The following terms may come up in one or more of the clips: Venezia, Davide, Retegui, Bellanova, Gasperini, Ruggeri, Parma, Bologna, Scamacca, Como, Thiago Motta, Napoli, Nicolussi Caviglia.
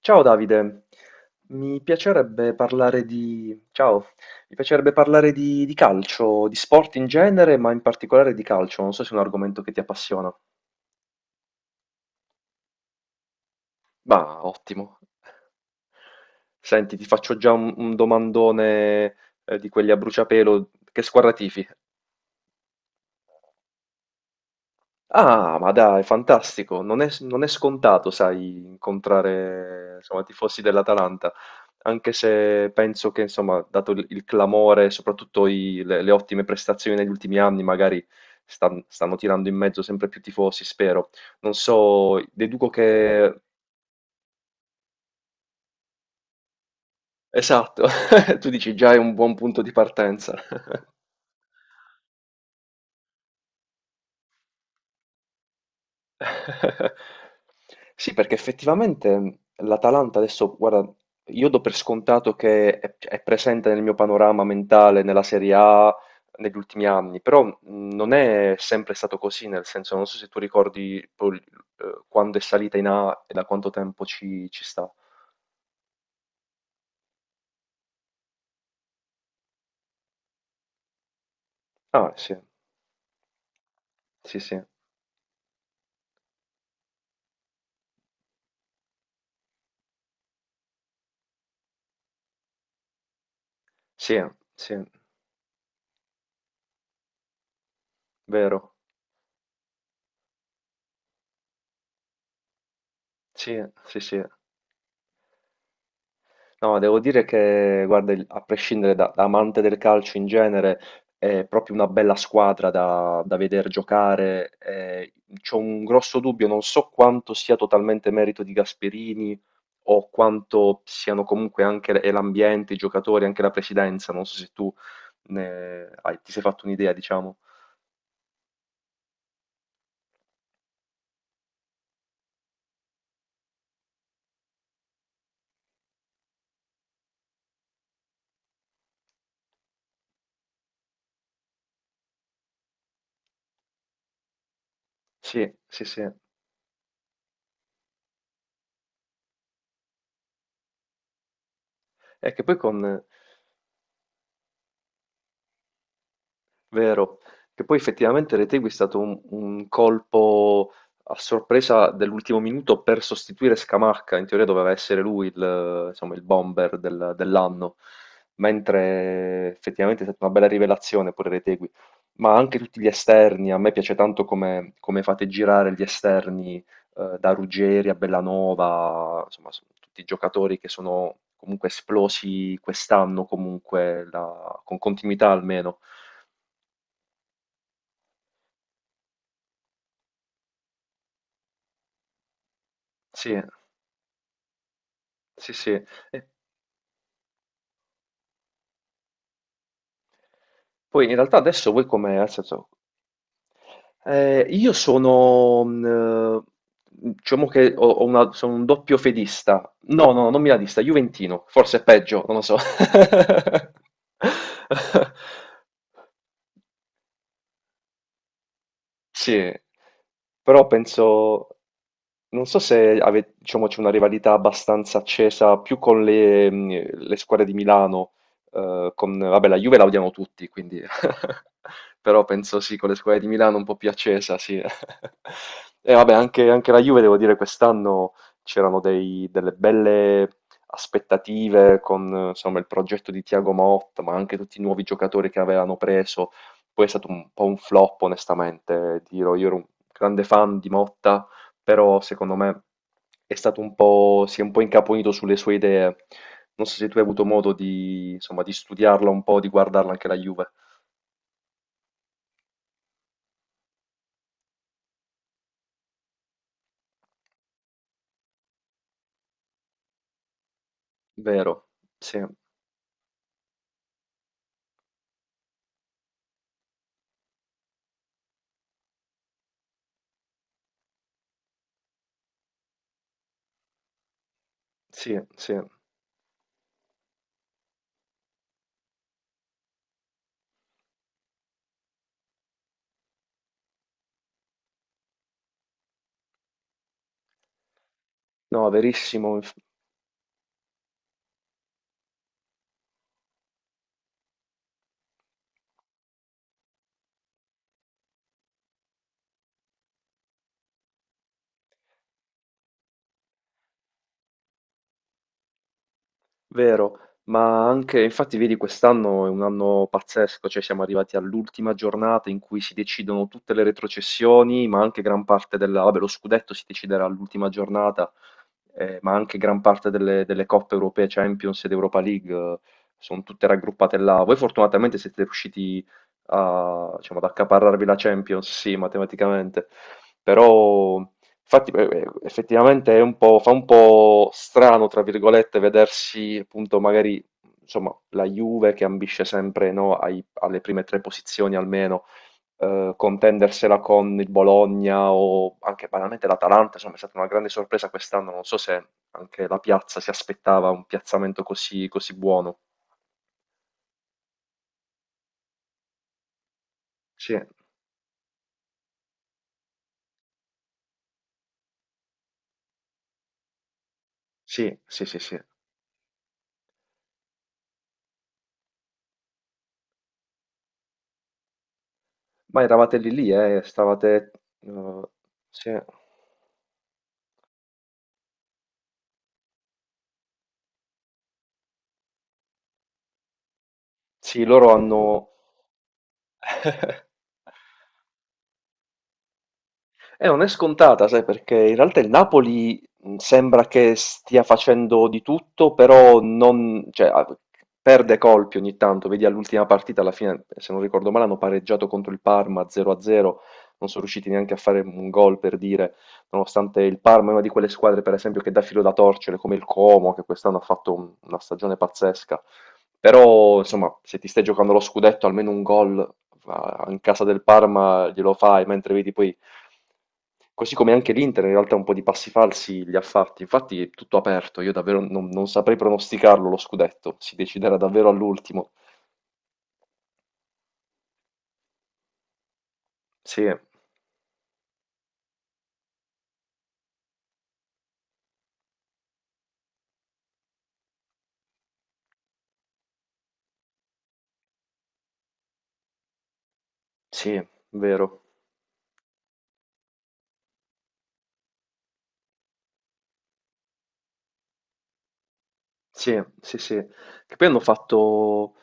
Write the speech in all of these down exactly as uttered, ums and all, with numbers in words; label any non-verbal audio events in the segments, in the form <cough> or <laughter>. Ciao Davide. Mi piacerebbe parlare di... Ciao, mi piacerebbe parlare di, di calcio, di sport in genere, ma in particolare di calcio. Non so se è un argomento che ti appassiona. Ma ottimo. Senti, ti faccio già un, un domandone eh, di quelli a bruciapelo. Che squadra tifi? Ah, ma dai, fantastico. Non è, non è scontato, sai, incontrare, insomma, tifosi dell'Atalanta, anche se penso che, insomma, dato il, il clamore, soprattutto i- le, le ottime prestazioni negli ultimi anni, magari stan- stanno tirando in mezzo sempre più tifosi, spero. Non so, deduco che. Esatto. <laughs> Tu dici già è un buon punto di partenza. <laughs> <laughs> Sì, perché effettivamente l'Atalanta adesso, guarda, io do per scontato che è, cioè, è presente nel mio panorama mentale nella Serie A negli ultimi anni, però mh, non è sempre stato così, nel senso, non so se tu ricordi poi, eh, quando è salita in A e da quanto tempo ci, ci sta. Ah, sì, sì, sì, sì, sì, vero, sì, sì, sì. No, devo dire che, guarda, il- a prescindere da, da amante del calcio in genere, è proprio una bella squadra da, da vedere giocare. Eh, c'ho un grosso dubbio, non so quanto sia totalmente merito di Gasperini o quanto siano comunque anche l- e l'ambiente, i giocatori, anche la presidenza. Non so se tu ne hai- ti sei fatto un'idea, diciamo. Sì, sì, sì. È che poi con, Vero, che poi effettivamente Retegui è stato un, un colpo a sorpresa dell'ultimo minuto per sostituire Scamacca, in teoria doveva essere lui il, insomma, il bomber del- dell'anno, mentre effettivamente è stata una bella rivelazione pure Retegui, ma anche tutti gli esterni, a me piace tanto come, come fate girare gli esterni eh, da Ruggeri a Bellanova, insomma sono tutti giocatori che sono comunque esplosi quest'anno, comunque la- con continuità almeno. Sì, sì, sì. E poi in realtà adesso voi come, nel senso, eh, io sono, mh, eh, diciamo che ho, ho una- sono un doppio fedista, no, no, no, non milanista, juventino, forse è peggio, non lo so. <laughs> Sì, però penso, non so se ave- diciamo, c'è una rivalità abbastanza accesa più con le, mh, le squadre di Milano, eh, con, vabbè, la Juve la odiano tutti, quindi, <laughs> però penso sì, con le squadre di Milano un po' più accesa, sì. <laughs> E vabbè, anche, anche la Juve, devo dire, quest'anno c'erano dei- delle belle aspettative con, eh, insomma, il progetto di Thiago Motta, ma anche tutti i nuovi giocatori che avevano preso poi è stato un po' un flop onestamente, ti dirò, io ero un grande fan di Motta, però secondo me è stato un po', si è un po' incaponito sulle sue idee. Non so se tu hai avuto modo di, insomma, di studiarla un po', di guardarla anche la Juve. Vero, sì, sì, sì. No, verissimo. Vero, ma anche, infatti vedi quest'anno è un anno pazzesco, cioè siamo arrivati all'ultima giornata in cui si decidono tutte le retrocessioni, ma anche gran parte della, vabbè, lo scudetto si deciderà all'ultima giornata, eh, ma anche gran parte delle, delle coppe europee, Champions ed Europa League, eh, sono tutte raggruppate là. Voi fortunatamente siete riusciti a, diciamo, ad accaparrarvi la Champions, sì, matematicamente, però. Infatti, eh, eh, effettivamente è un po', fa un po' strano, tra virgolette, vedersi appunto magari insomma, la Juve che ambisce sempre no, ai- alle prime tre posizioni almeno, eh, contendersela con il Bologna o anche banalmente l'Atalanta. Insomma, è stata una grande sorpresa quest'anno. Non so se anche la piazza si aspettava un piazzamento così, così buono. Sì, sì, sì, sì, sì. Ma eravate lì lì, eh, stavate. Eh, sì. Sì, loro hanno. <laughs> Eh, non è scontata, sai, perché in realtà il Napoli mh, sembra che stia facendo di tutto, però non, cioè, ah, perde colpi ogni tanto. Vedi all'ultima partita, alla fine, se non ricordo male, hanno pareggiato contro il Parma zero a zero, non sono riusciti neanche a fare un gol per dire, nonostante il Parma è una di quelle squadre, per esempio, che dà filo da torcere, come il Como, che quest'anno ha fatto un- una stagione pazzesca. Però, insomma, se ti stai giocando lo scudetto, almeno un gol ah, in casa del Parma glielo fai, mentre vedi poi. Così come anche l'Inter in realtà un po' di passi falsi li ha fatti, infatti è tutto aperto, io davvero non, non saprei pronosticarlo lo scudetto, si deciderà davvero all'ultimo. Sì, sì, vero, sì, sì, sì, che poi hanno fatto.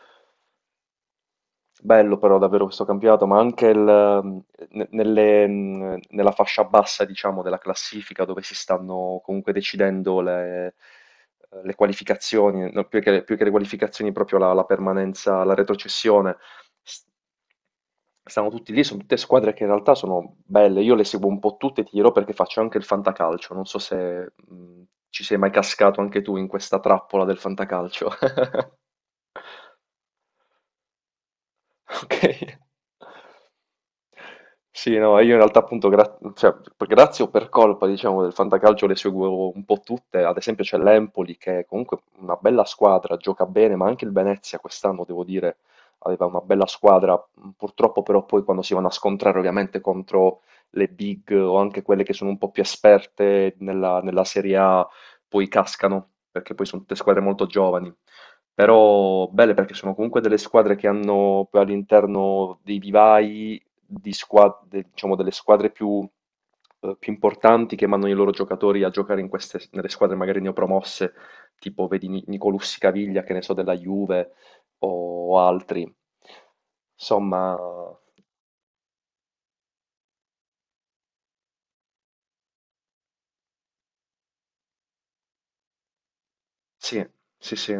Bello però davvero questo campionato, ma anche il, ehm, ne- nelle, mh, nella fascia bassa, diciamo, della classifica dove si stanno comunque decidendo le, le qualificazioni, no, più che, più che le qualificazioni, proprio la, la permanenza, la retrocessione. S- Stanno tutti lì, sono tutte squadre che in realtà sono belle. Io le seguo un po' tutte, ti dirò perché faccio anche il fantacalcio. Non so se mh, ci sei mai cascato anche tu in questa trappola del fantacalcio. <laughs> Okay. Sì, no, io in realtà appunto gra cioè p grazie o per colpa diciamo del fantacalcio le seguo un po' tutte, ad esempio c'è l'Empoli che è comunque una bella squadra, gioca bene, ma anche il Venezia quest'anno devo dire aveva una bella squadra, mhmm, purtroppo però poi quando si vanno a scontrare ovviamente contro le big o anche quelle che sono un po' più esperte nella nella Serie A, poi cascano, perché poi son tutte squadre molto giovani. Però belle perché sono comunque delle squadre che hanno poi all'interno dei vivai di squa- de- diciamo, delle squadre più, eh, più importanti che mandano i loro giocatori a giocare in queste, nelle squadre magari neopromosse, tipo vedi Ni- Nicolussi Caviglia, che ne so, della Juve o altri. Insomma, sì, sì, sì.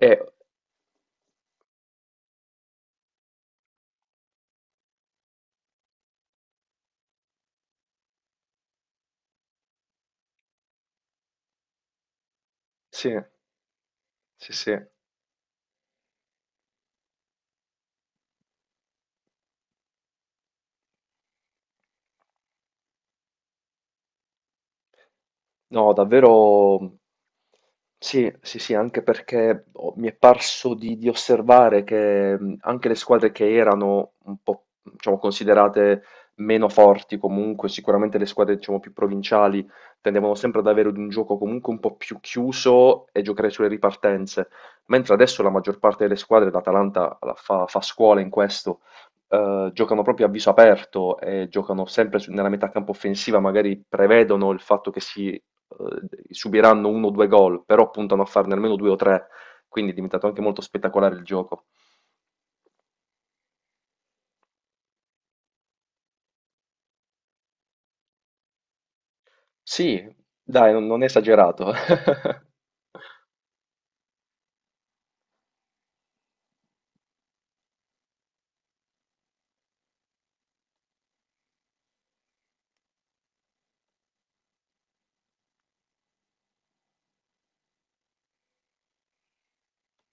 E, sì, sì, sì. No, davvero sì, sì, sì, anche perché ho- mi è parso di, di osservare che mh, anche le squadre che erano un po', diciamo, considerate meno forti comunque, sicuramente le squadre, diciamo, più provinciali tendevano sempre ad avere un gioco comunque un po' più chiuso e giocare sulle ripartenze, mentre adesso la maggior parte delle squadre, l'Atalanta la fa, fa scuola in questo, eh, giocano proprio a viso aperto e giocano sempre su- nella metà campo offensiva, magari prevedono il fatto che si eh, subiranno uno o due gol, però puntano a farne almeno due o tre, quindi è diventato anche molto spettacolare il gioco. Sì, dai, non, non è esagerato. <laughs>